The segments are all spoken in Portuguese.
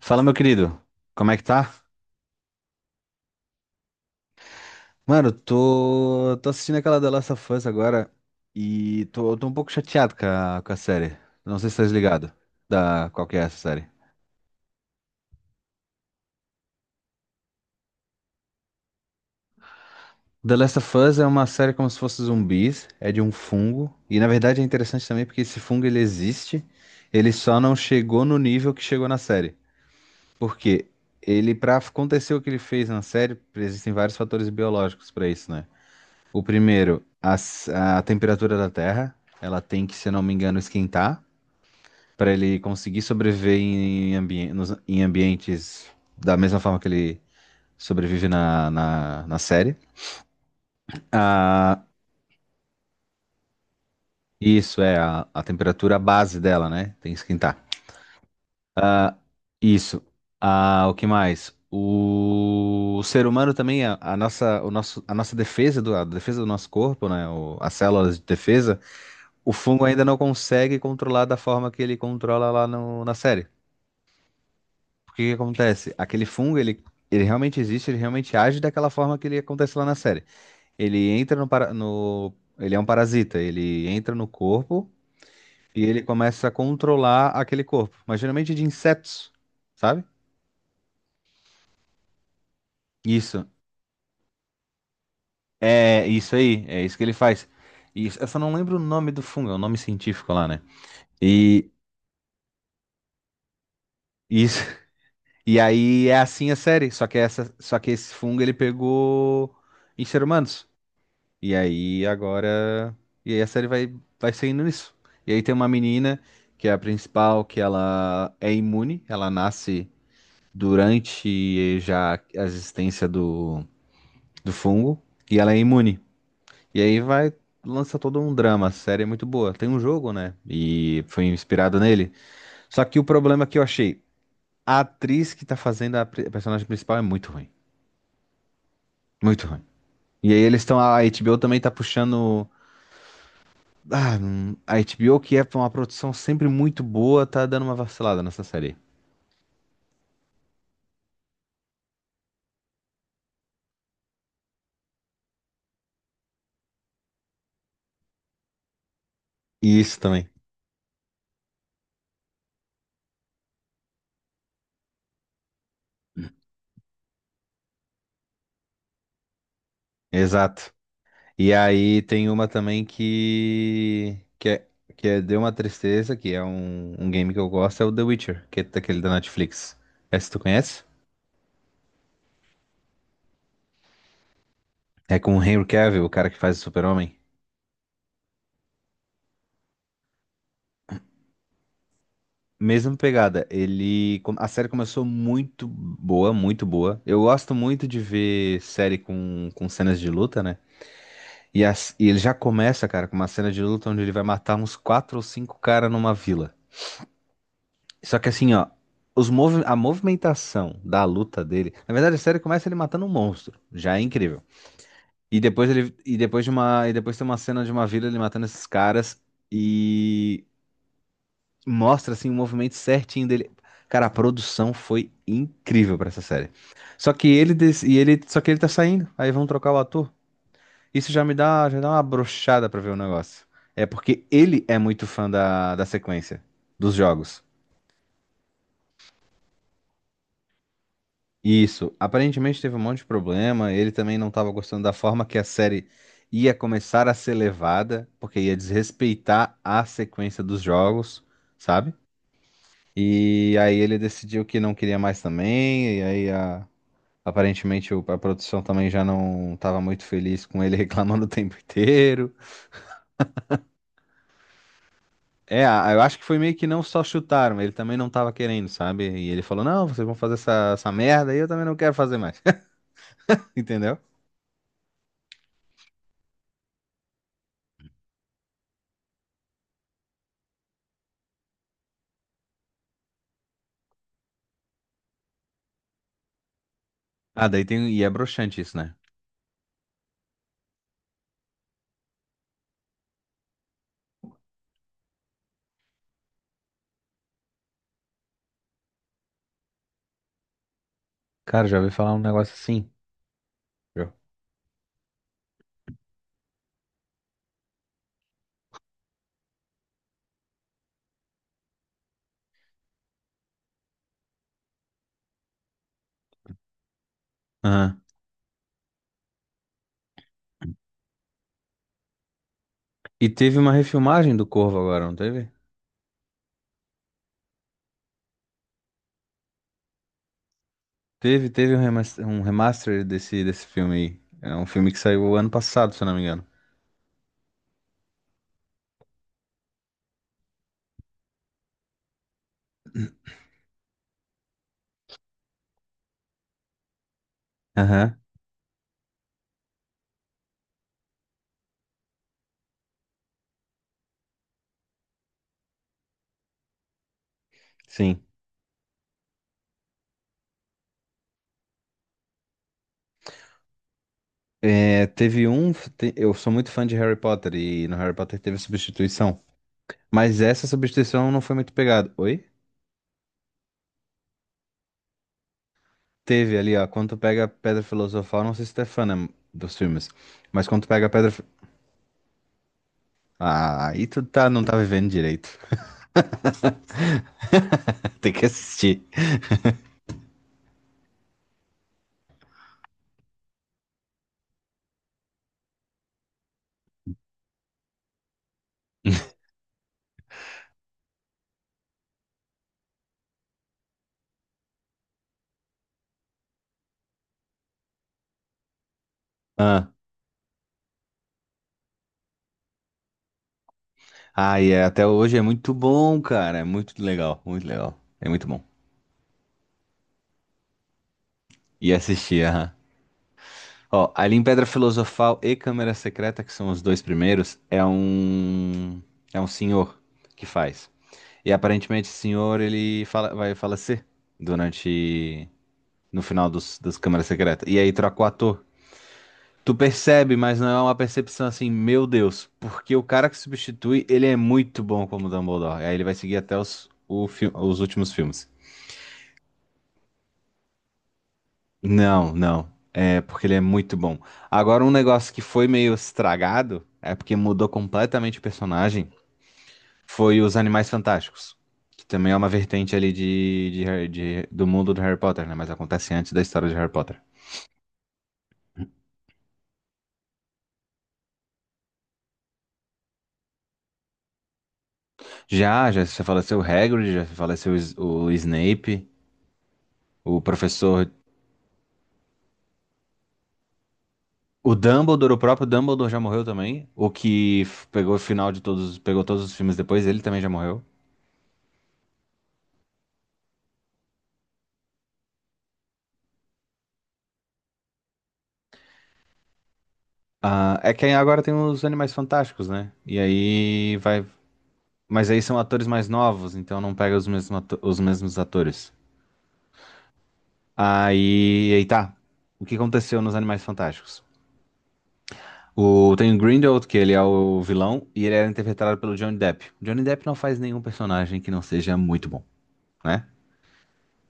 Fala, meu querido. Como é que tá? Mano, eu tô assistindo aquela The Last of Us agora e tô um pouco chateado com a série. Não sei se tá ligado da qual que é essa série. The Last of Us é uma série como se fosse zumbis, é de um fungo e na verdade é interessante também porque esse fungo ele existe, ele só não chegou no nível que chegou na série. Por quê? Ele, pra acontecer o que ele fez na série, existem vários fatores biológicos pra isso, né? O primeiro, a temperatura da Terra, ela tem que, se eu não me engano, esquentar para ele conseguir sobreviver em, ambien- nos- em ambientes da mesma forma que ele sobrevive na série. Ah, isso é a temperatura base dela, né? Tem que esquentar. Ah, isso. Ah, o que mais? O ser humano também, a nossa defesa do, a defesa do nosso corpo, né? O- as células de defesa. O fungo ainda não consegue controlar da forma que ele controla lá no- na série. Porque o que que acontece? Aquele fungo, ele realmente existe, ele realmente age daquela forma que ele acontece lá na série. Ele entra no, para- no- Ele é um parasita, ele entra no corpo e ele começa a controlar aquele corpo. Mas geralmente de insetos, sabe? Isso. É isso aí, é isso que ele faz. Isso, eu só não lembro o nome do fungo, é o nome científico lá, né? E isso, e aí é assim a série, só que essa, só que esse fungo ele pegou em ser humanos. E aí agora, e aí a série vai vai seguindo nisso. E aí tem uma menina que é a principal, que ela é imune, ela nasce durante já a existência do, do fungo e ela é imune. E aí vai lança todo um drama, a série é muito boa. Tem um jogo, né? E foi inspirado nele. Só que o problema que eu achei, a atriz que tá fazendo a pri- a personagem principal é muito ruim. Muito ruim. E aí eles estão. A HBO também tá puxando. Ah, a HBO, que é uma produção sempre muito boa, tá dando uma vacilada nessa série. E isso também. Exato. E aí tem uma também que. Que é- deu uma tristeza, que é um, um game que eu gosto, é o The Witcher, que é daquele da Netflix. Essa tu conhece? É com o Henry Cavill, o cara que faz o Super-Homem. Mesma pegada, ele, com- a série começou muito boa, muito boa. Eu gosto muito de ver série com cenas de luta, né? E, as- e ele já começa, cara, com uma cena de luta onde ele vai matar uns quatro ou cinco caras numa vila. Só que assim, ó, os movi- a movimentação da luta dele, na verdade a série começa ele matando um monstro, já é incrível. E depois ele, e depois de uma, e depois tem uma cena de uma vila ele matando esses caras mostra assim o movimento certinho dele. Cara, a produção foi incrível pra essa série. Só que ele des- e ele só que ele tá saindo, aí vão trocar o ator. Isso já me dá, já dá uma brochada pra ver o negócio. É porque ele é muito fã da, da sequência dos jogos. Isso, aparentemente teve um monte de problema, ele também não estava gostando da forma que a série ia começar a ser levada, porque ia desrespeitar a sequência dos jogos, sabe? E aí ele decidiu que não queria mais também, e aí a- aparentemente o- a produção também já não estava muito feliz com ele reclamando o tempo inteiro. É, a- eu acho que foi meio que não só chutaram, ele também não estava querendo, sabe? E ele falou, não, vocês vão fazer essa, essa merda e eu também não quero fazer mais, entendeu? Ah, daí tem, e é broxante isso, né? Cara, já ouvi falar um negócio assim. Já. Aham. E teve uma refilmagem do Corvo agora, não teve? Teve, teve um remaster desse, desse filme aí. É um filme que saiu ano passado, se eu não me engano. Aham, sim. É, teve um. Te- Eu sou muito fã de Harry Potter e no Harry Potter teve substituição. Mas essa substituição não foi muito pegada. Oi? Teve ali, ó. Quando tu pega a Pedra Filosofal, não sei se tu é fã, né, dos filmes. Mas quando tu pega a Pedra. Fi- Ah, aí tu tá, não tá vivendo direito. Tem que assistir. Ah, ah, e é- até hoje é muito bom, cara. É muito legal, muito legal. É muito bom. E assistir, aham. Ó, ali em Pedra Filosofal e Câmara Secreta, que são os dois primeiros, é um senhor que faz. E aparentemente esse senhor ele fala- vai falecer durante no final dos, das Câmaras Secretas. E aí troca o ator. Tu percebe, mas não é uma percepção assim, meu Deus, porque o cara que substitui, ele é muito bom como Dumbledore. Aí ele vai seguir até os, o fi- os últimos filmes. Não, não. É porque ele é muito bom. Agora, um negócio que foi meio estragado, é porque mudou completamente o personagem, foi os Animais Fantásticos. Que também é uma vertente ali de Harry- de- do mundo do Harry Potter, né? Mas acontece antes da história de Harry Potter. Já, já se faleceu o Hagrid, já se faleceu o, S- o Snape, o professor. O Dumbledore, o próprio Dumbledore já morreu também. O que f- pegou o final de todos, pegou todos os filmes depois, ele também já morreu. Ah, é que aí agora tem os Animais Fantásticos, né? E aí vai. Mas aí são atores mais novos, então não pega os mesmos, ato- os mesmos atores. Aí, aí tá. O que aconteceu nos Animais Fantásticos? O... Tem o Grindelwald, que ele é o vilão, e ele era interpretado pelo Johnny Depp. Johnny Depp não faz nenhum personagem que não seja muito bom, né?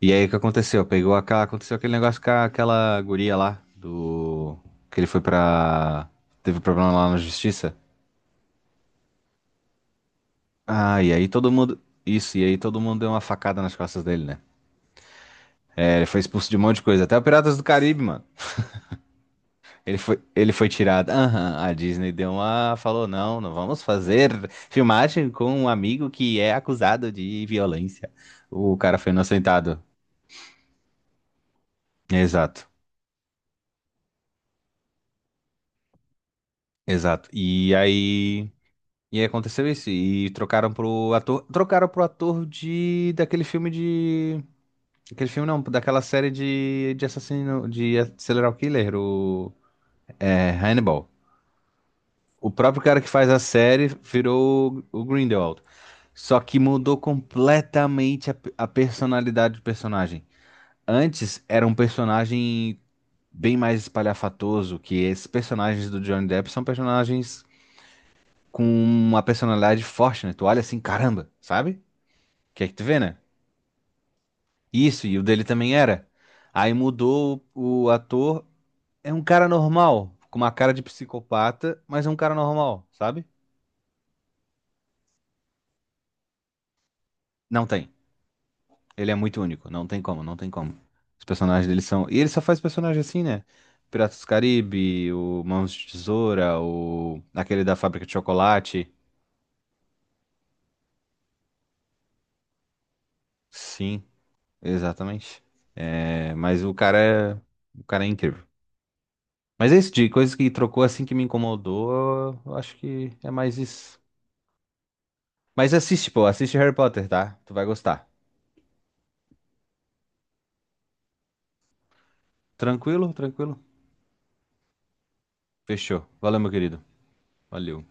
E aí o que aconteceu? Pegou aquela... Aconteceu aquele negócio com a- aquela guria lá, do... Que ele foi pra... Teve problema lá na justiça. Ah, e aí todo mundo. Isso, e aí todo mundo deu uma facada nas costas dele, né? É, ele foi expulso de um monte de coisa, até o Piratas do Caribe, mano. Ele foi tirado. Aham, a Disney deu uma. Falou: não, não vamos fazer filmagem com um amigo que é acusado de violência. O cara foi inocentado. Exato, exato. E aí. E aí aconteceu isso. E trocaram pro ator. Trocaram pro ator de. Daquele filme de. Aquele filme não, daquela série de assassino. De Serial Killer, o. É, Hannibal. O próprio cara que faz a série virou o Grindelwald. Só que mudou completamente a personalidade do personagem. Antes era um personagem bem mais espalhafatoso, que esses personagens do Johnny Depp são personagens com uma personalidade forte, né? Tu olha assim, caramba, sabe? O que é que tu vê, né? Isso, e o dele também era. Aí mudou o ator, é um cara normal, com uma cara de psicopata, mas é um cara normal, sabe? Não tem. Ele é muito único, não tem como, não tem como. Os personagens dele são. E ele só faz personagem assim, né? Piratas do Caribe, o Mãos de Tesoura, o. aquele da fábrica de chocolate. Sim, exatamente. É, mas o cara é. O cara é incrível. Mas é isso, de coisas que trocou assim que me incomodou, eu acho que é mais isso. Mas assiste, pô, assiste Harry Potter, tá? Tu vai gostar. Tranquilo, tranquilo. Fechou. Valeu, meu querido. Valeu.